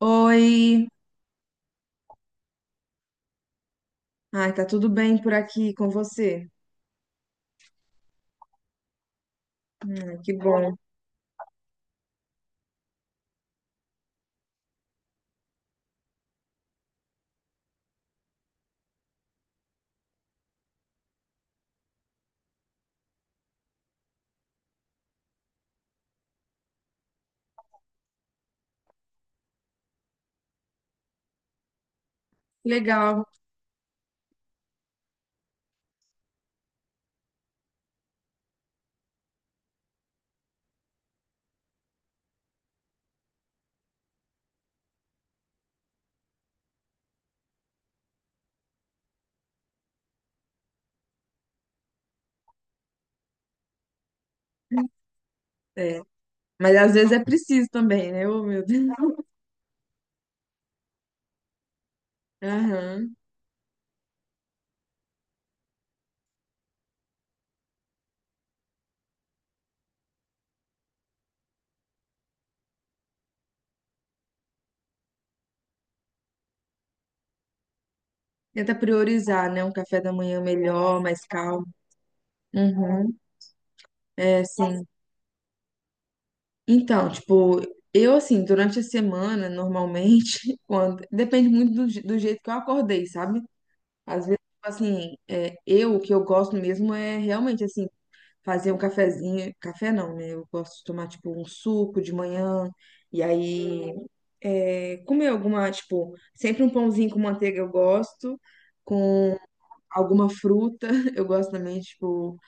Oi, ai, tá tudo bem por aqui com você? Ai, que bom, que legal. É, mas às vezes é preciso também, né? Ô, meu Deus. Aham. Tenta priorizar, né? Um café da manhã melhor, mais calmo. Uhum. É, sim. Então, tipo, eu assim, durante a semana, normalmente, quando depende muito do, do jeito que eu acordei, sabe? Às vezes, tipo assim, eu o que eu gosto mesmo é realmente assim fazer um cafezinho, café não, né? Eu gosto de tomar tipo um suco de manhã e aí comer alguma, tipo, sempre um pãozinho com manteiga eu gosto, com alguma fruta eu gosto também, tipo,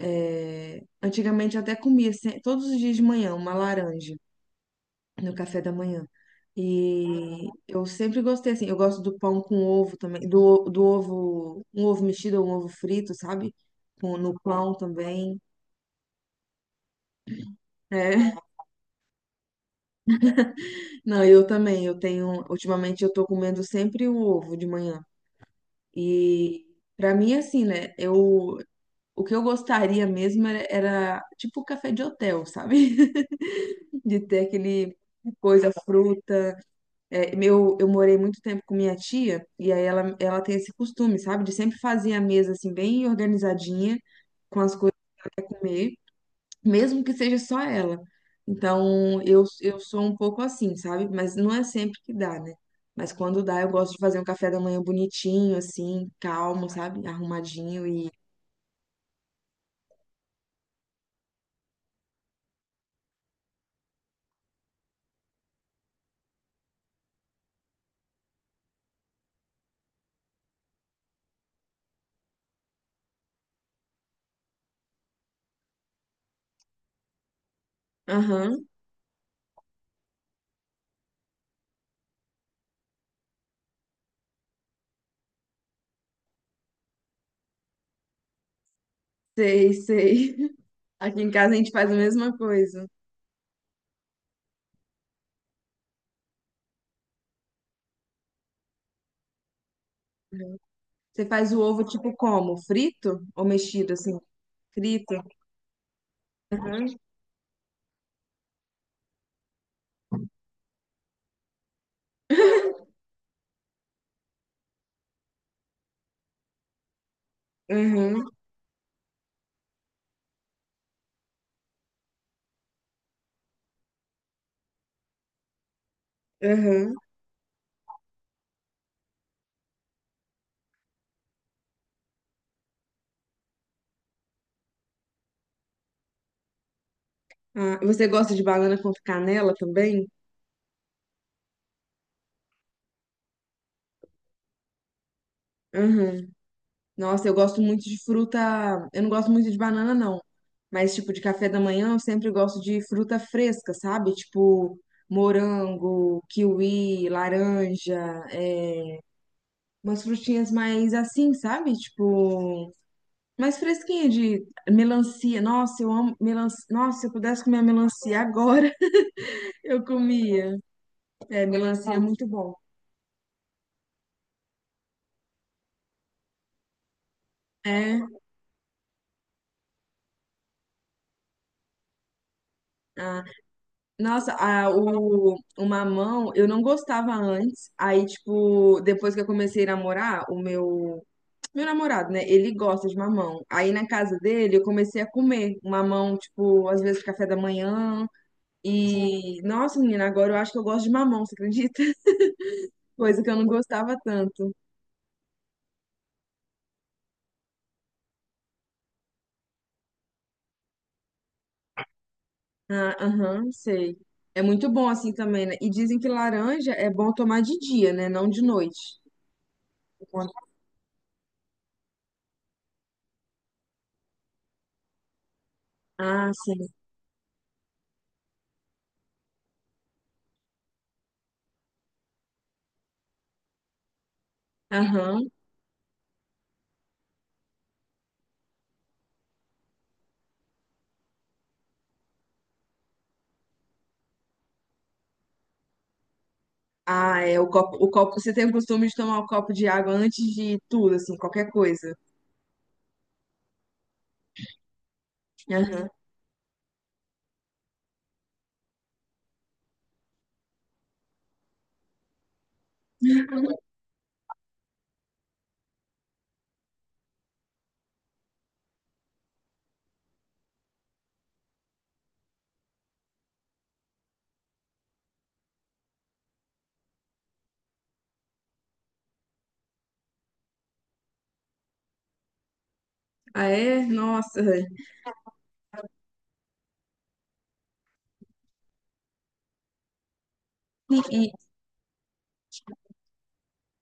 antigamente eu até comia todos os dias de manhã uma laranja no café da manhã. E eu sempre gostei assim, eu gosto do pão com ovo também, do ovo, um ovo mexido ou um ovo frito, sabe? Com- No pão também. É. Não, eu também. Eu tenho. Ultimamente eu tô comendo sempre um ovo de manhã. E pra mim, assim, né? Eu, o que eu gostaria mesmo era, era tipo café de hotel, sabe? De ter aquele coisa, fruta. É, meu, eu morei muito tempo com minha tia, e aí ela tem esse costume, sabe? De sempre fazer a mesa assim, bem organizadinha, com as coisas pra comer, mesmo que seja só ela. Então, eu sou um pouco assim, sabe? Mas não é sempre que dá, né? Mas quando dá, eu gosto de fazer um café da manhã bonitinho, assim, calmo, sabe? Arrumadinho. E. Aham, sei, sei. Aqui em casa a gente faz a mesma coisa. Você faz o ovo tipo como? Frito ou mexido, assim? Frito? Aham, aham, aham. Ah, você gosta de banana com canela também? Aham. Nossa, eu gosto muito de fruta. Eu não gosto muito de banana, não. Mas, tipo, de café da manhã, eu sempre gosto de fruta fresca, sabe? Tipo, morango, kiwi, laranja, é, umas frutinhas mais assim, sabe? Tipo, mais fresquinha, de melancia. Nossa, eu amo melancia. Nossa, se eu pudesse comer a melancia agora, eu comia. É, melancia é muito bom. É, nossa, o mamão eu não gostava antes. Aí, tipo, depois que eu comecei a namorar, meu namorado, né? Ele gosta de mamão. Aí na casa dele eu comecei a comer mamão, tipo, às vezes café da manhã. E, nossa, menina, agora eu acho que eu gosto de mamão, você acredita? Coisa que eu não gostava tanto. Ah, aham, sei. É muito bom assim também, né? E dizem que laranja é bom tomar de dia, né? Não de noite. Ah, sim. Aham. Ah, é o copo, o copo. Você tem o costume de tomar o copo de água antes de tudo, assim, qualquer coisa. Aham. Ah, é? Nossa.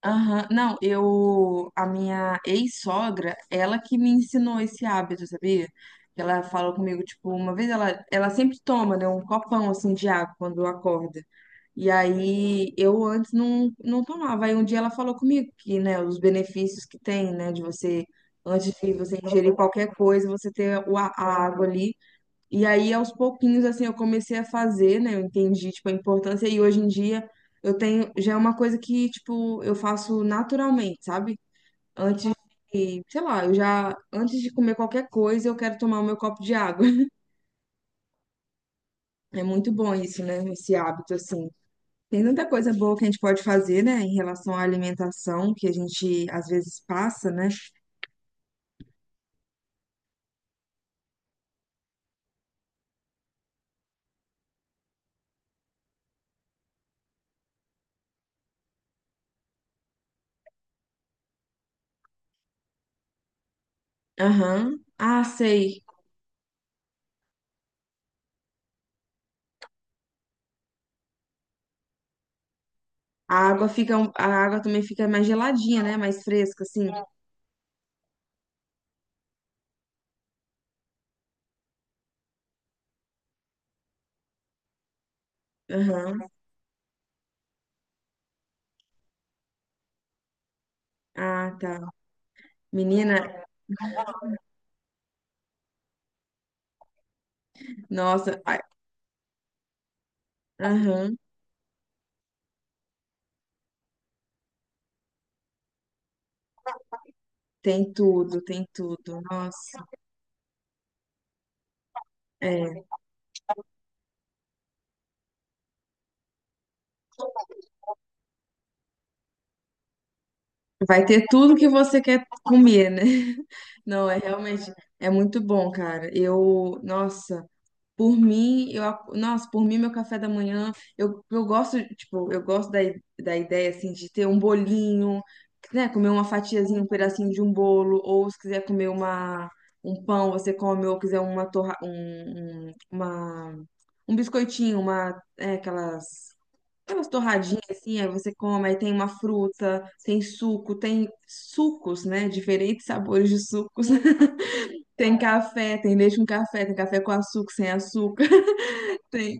Aham, não, eu, a minha ex-sogra, ela que me ensinou esse hábito, sabia? Que ela falou comigo, tipo, uma vez ela sempre toma, né, um copão, assim, de água quando acorda. E aí, eu antes não, não tomava. Aí um dia ela falou comigo que, né, os benefícios que tem, né, de você, antes de você ingerir qualquer coisa, você ter o a água ali e aí, aos pouquinhos, assim, eu comecei a fazer, né? Eu entendi, tipo, a importância. E hoje em dia, eu tenho... Já é uma coisa que, tipo, eu faço naturalmente, sabe? Antes de... Sei lá, eu já... Antes de comer qualquer coisa, eu quero tomar o meu copo de água. É muito bom isso, né? Esse hábito, assim. Tem tanta coisa boa que a gente pode fazer, né? Em relação à alimentação, que a gente, às vezes, passa, né? Aham. Ah, sei. A água fica... a água também fica mais geladinha, né? Mais fresca, assim. Aham. Ah, tá. Menina, nossa, ai, aham, tem tudo, tem tudo. Nossa, é, vai ter tudo que você quer comer, né? Não, é realmente, é muito bom, cara. Eu, nossa. Por mim, eu, nossa, por mim, meu café da manhã, eu gosto, tipo, eu gosto da, da ideia, assim, de ter um bolinho, né, comer uma fatiazinha, um pedacinho de um bolo, ou se quiser comer uma, um pão, você come, ou quiser uma torra, uma, um biscoitinho, uma, é, aquelas, aquelas torradinhas, assim, aí você come, aí tem uma fruta, tem suco, tem sucos, né, diferentes sabores de sucos, tem café, tem leite com café, tem café com açúcar, sem açúcar, tem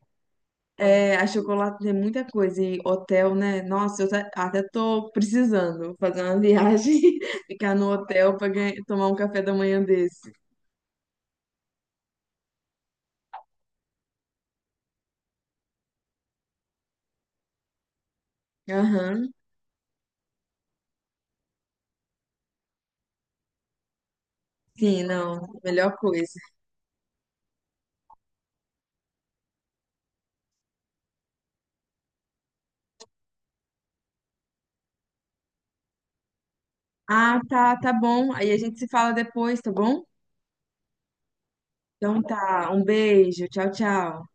é, a chocolate tem muita coisa e hotel, né? Nossa, eu até tô precisando fazer uma viagem, ficar no hotel para tomar um café da manhã desse. Aham, sim, não, melhor coisa. Ah, tá, tá bom. Aí a gente se fala depois, tá bom? Então tá, um beijo, tchau, tchau.